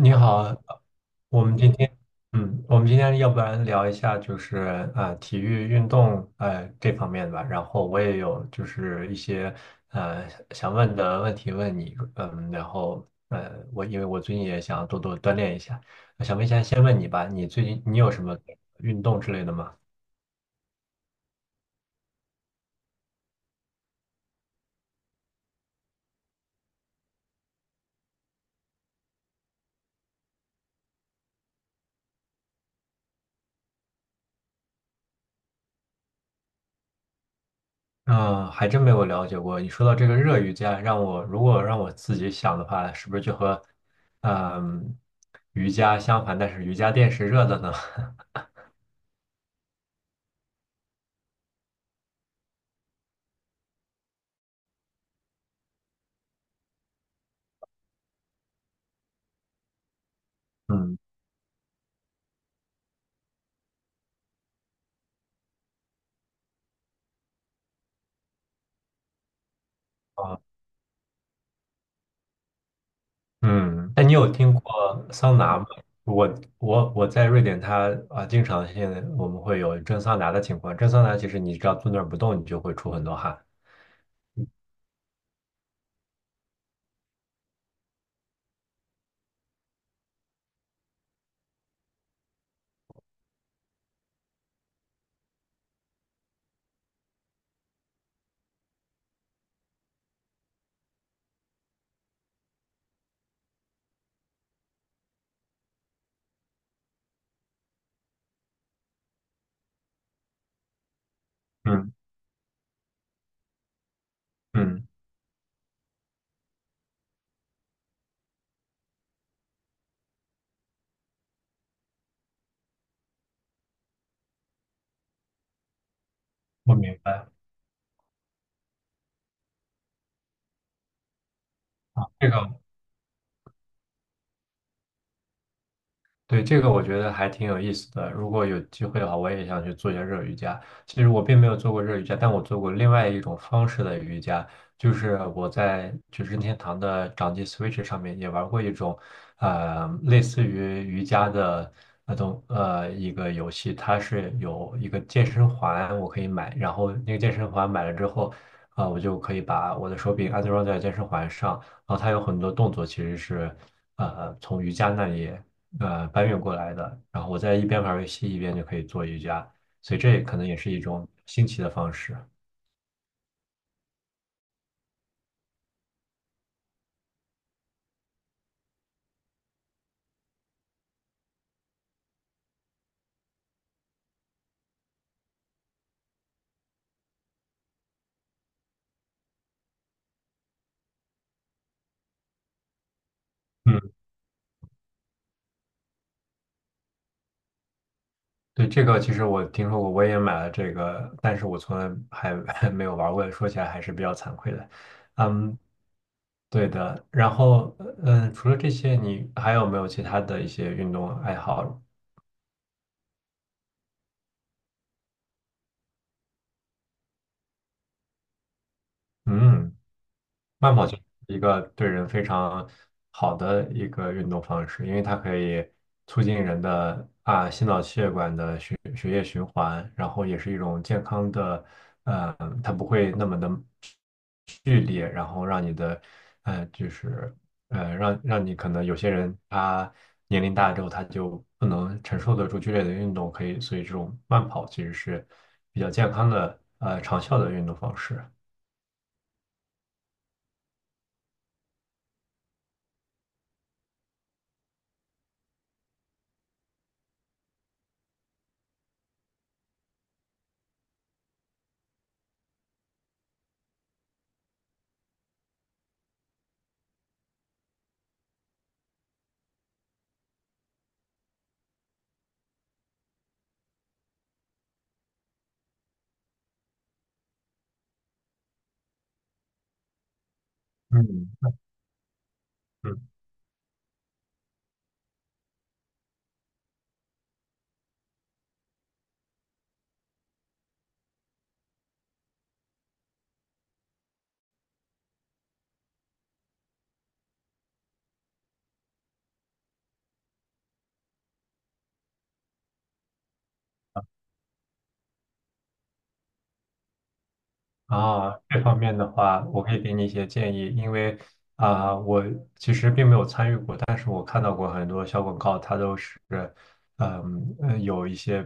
你好，我们今天，我们今天要不然聊一下就是体育运动这方面吧，然后我也有就是一些呃想问的问题问你，然后我因为最近也想多多锻炼一下，我想问一下，先问你吧，你最近有什么运动之类的吗？嗯，还真没有了解过。你说到这个热瑜伽，如果让我自己想的话，是不是就和嗯瑜伽相反？但是瑜伽垫是热的呢？嗯啊，嗯，那你有听过桑拿吗？我我在瑞典它，经常性我们会有蒸桑拿的情况。蒸桑拿其实你只要坐那儿不动，你就会出很多汗。嗯嗯，我明白这个。对，这个我觉得还挺有意思的。如果有机会的话，我也想去做一下热瑜伽。其实我并没有做过热瑜伽，但我做过另外一种方式的瑜伽，就是我在就是任天堂的掌机 Switch 上面也玩过一种，类似于瑜伽的那种一个游戏，它是有一个健身环，我可以买，然后那个健身环买了之后，我就可以把我的手柄安装在健身环上，然后它有很多动作其实是从瑜伽那里，搬运过来的，然后我在一边玩游戏一边就可以做瑜伽，所以这也可能也是一种新奇的方式。嗯，对，这个其实我听说过，我也买了这个，但是我从来还 还没有玩过，说起来还是比较惭愧的。嗯，对的。然后，除了这些，你还有没有其他的一些运动爱好？嗯。慢跑就是一个对人非常好的一个运动方式，因为它可以促进人的心脑血管的血液循环，然后也是一种健康的，呃，它不会那么的剧烈，然后让你的，就是让你可能有些人他年龄大之后他就不能承受得住剧烈的运动，可以，所以这种慢跑其实是比较健康的，长效的运动方式。嗯嗯。啊，这方面的话，我可以给你一些建议，因为我其实并没有参与过，但是我看到过很多小广告，它都是，有一些，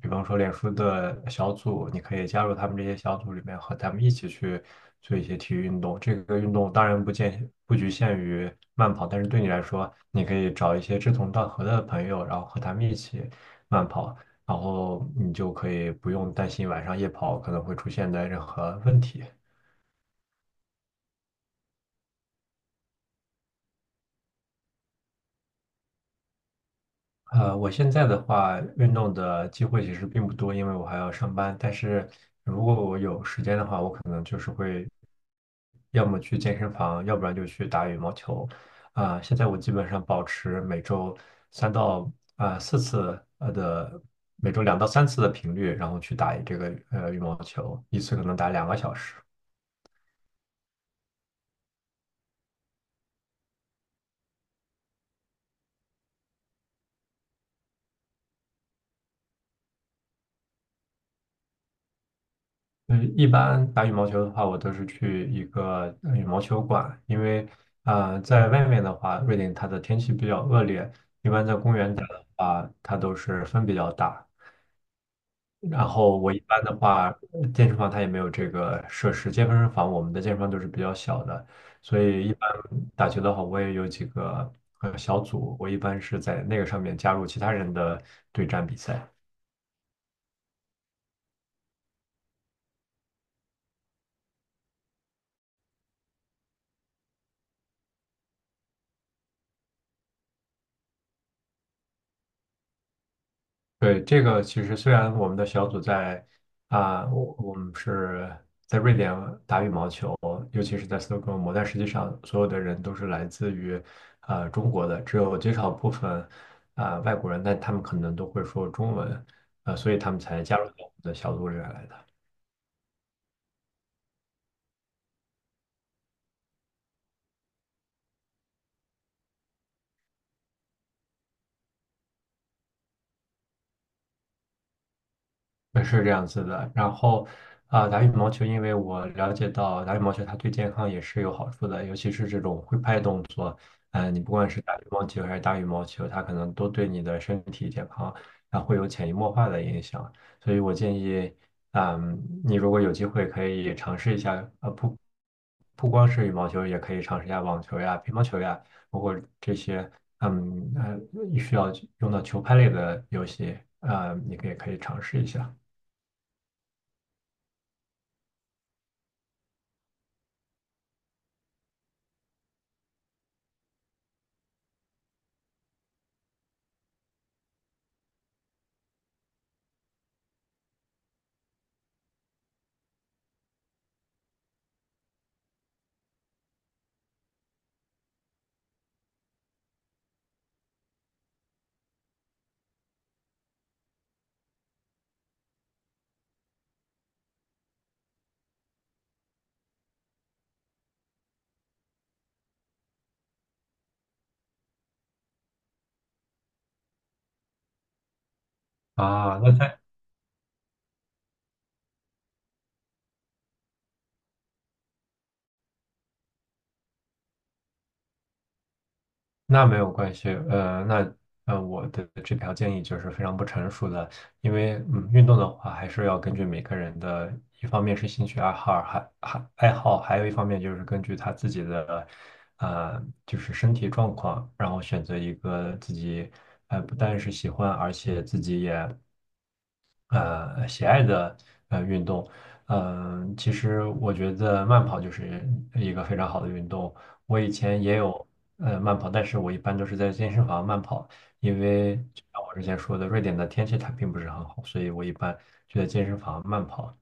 比方说脸书的小组，你可以加入他们这些小组里面，和他们一起去做一些体育运动。这个运动当然不局限于慢跑，但是对你来说，你可以找一些志同道合的朋友，然后和他们一起慢跑。然后你就可以不用担心晚上夜跑可能会出现的任何问题。我现在的话，运动的机会其实并不多，因为我还要上班。但是如果我有时间的话，我可能就是会要么去健身房，要不然就去打羽毛球。现在我基本上保持每周三到4次的，每周2到3次的频率，然后去打这个羽毛球，一次可能打2个小时。一般打羽毛球的话，我都是去一个羽毛球馆，因为在外面的话，瑞典它的天气比较恶劣，一般在公园打的话，它都是风比较大。然后我一般的话，健身房它也没有这个设施，健身房我们的健身房都是比较小的，所以一般打球的话，我也有几个小组，我一般是在那个上面加入其他人的对战比赛。对，这个其实虽然我们的小组在我们是在瑞典打羽毛球，尤其是在斯德哥尔摩，但实际上所有的人都是来自于中国的，只有极少部分外国人，但他们可能都会说中文，所以他们才加入到我们的小组里面来的。也是这样子的。然后打羽毛球，因为我了解到打羽毛球它对健康也是有好处的，尤其是这种挥拍动作。你不管是打乒乓球还是打羽毛球，它可能都对你的身体健康，它会有潜移默化的影响。所以我建议，你如果有机会可以尝试一下，不光是羽毛球，也可以尝试一下网球呀、乒乓球呀，包括这些，需要用到球拍类的游戏，你可以尝试一下。啊，那在那没有关系，那我的这条建议就是非常不成熟的，因为运动的话还是要根据每个人的，一方面是兴趣爱好，还爱好，还有一方面就是根据他自己的，就是身体状况，然后选择一个自己，不但是喜欢，而且自己也喜爱的运动。其实我觉得慢跑就是一个非常好的运动。我以前也有慢跑，但是我一般都是在健身房慢跑，因为就像我之前说的，瑞典的天气它并不是很好，所以我一般就在健身房慢跑。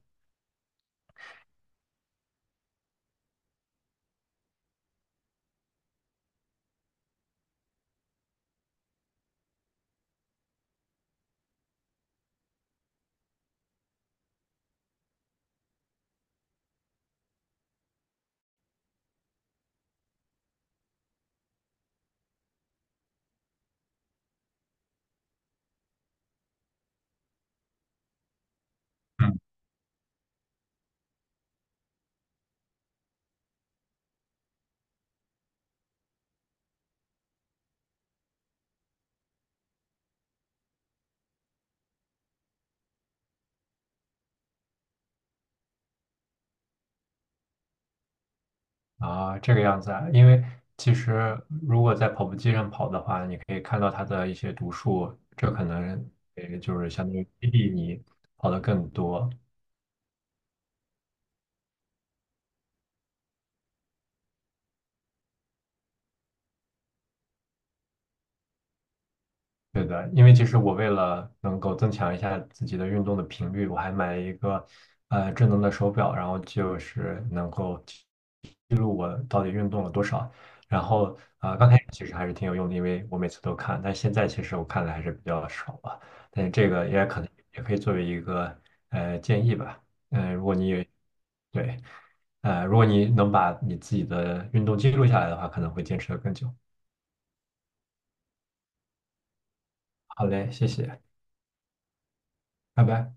嗯这个样子啊，因为其实如果在跑步机上跑的话，你可以看到它的一些读数，这可能就是相当于激励你跑得更多。对的，因为其实我为了能够增强一下自己的运动的频率，我还买了一个智能的手表，然后就是能够记录我到底运动了多少。然后刚开始其实还是挺有用的，因为我每次都看，但现在其实我看的还是比较少了，但是这个也可能也可以作为一个建议吧。嗯、如果你也对，如果你能把你自己的运动记录下来的话，可能会坚持的更久。好嘞，谢谢，拜拜。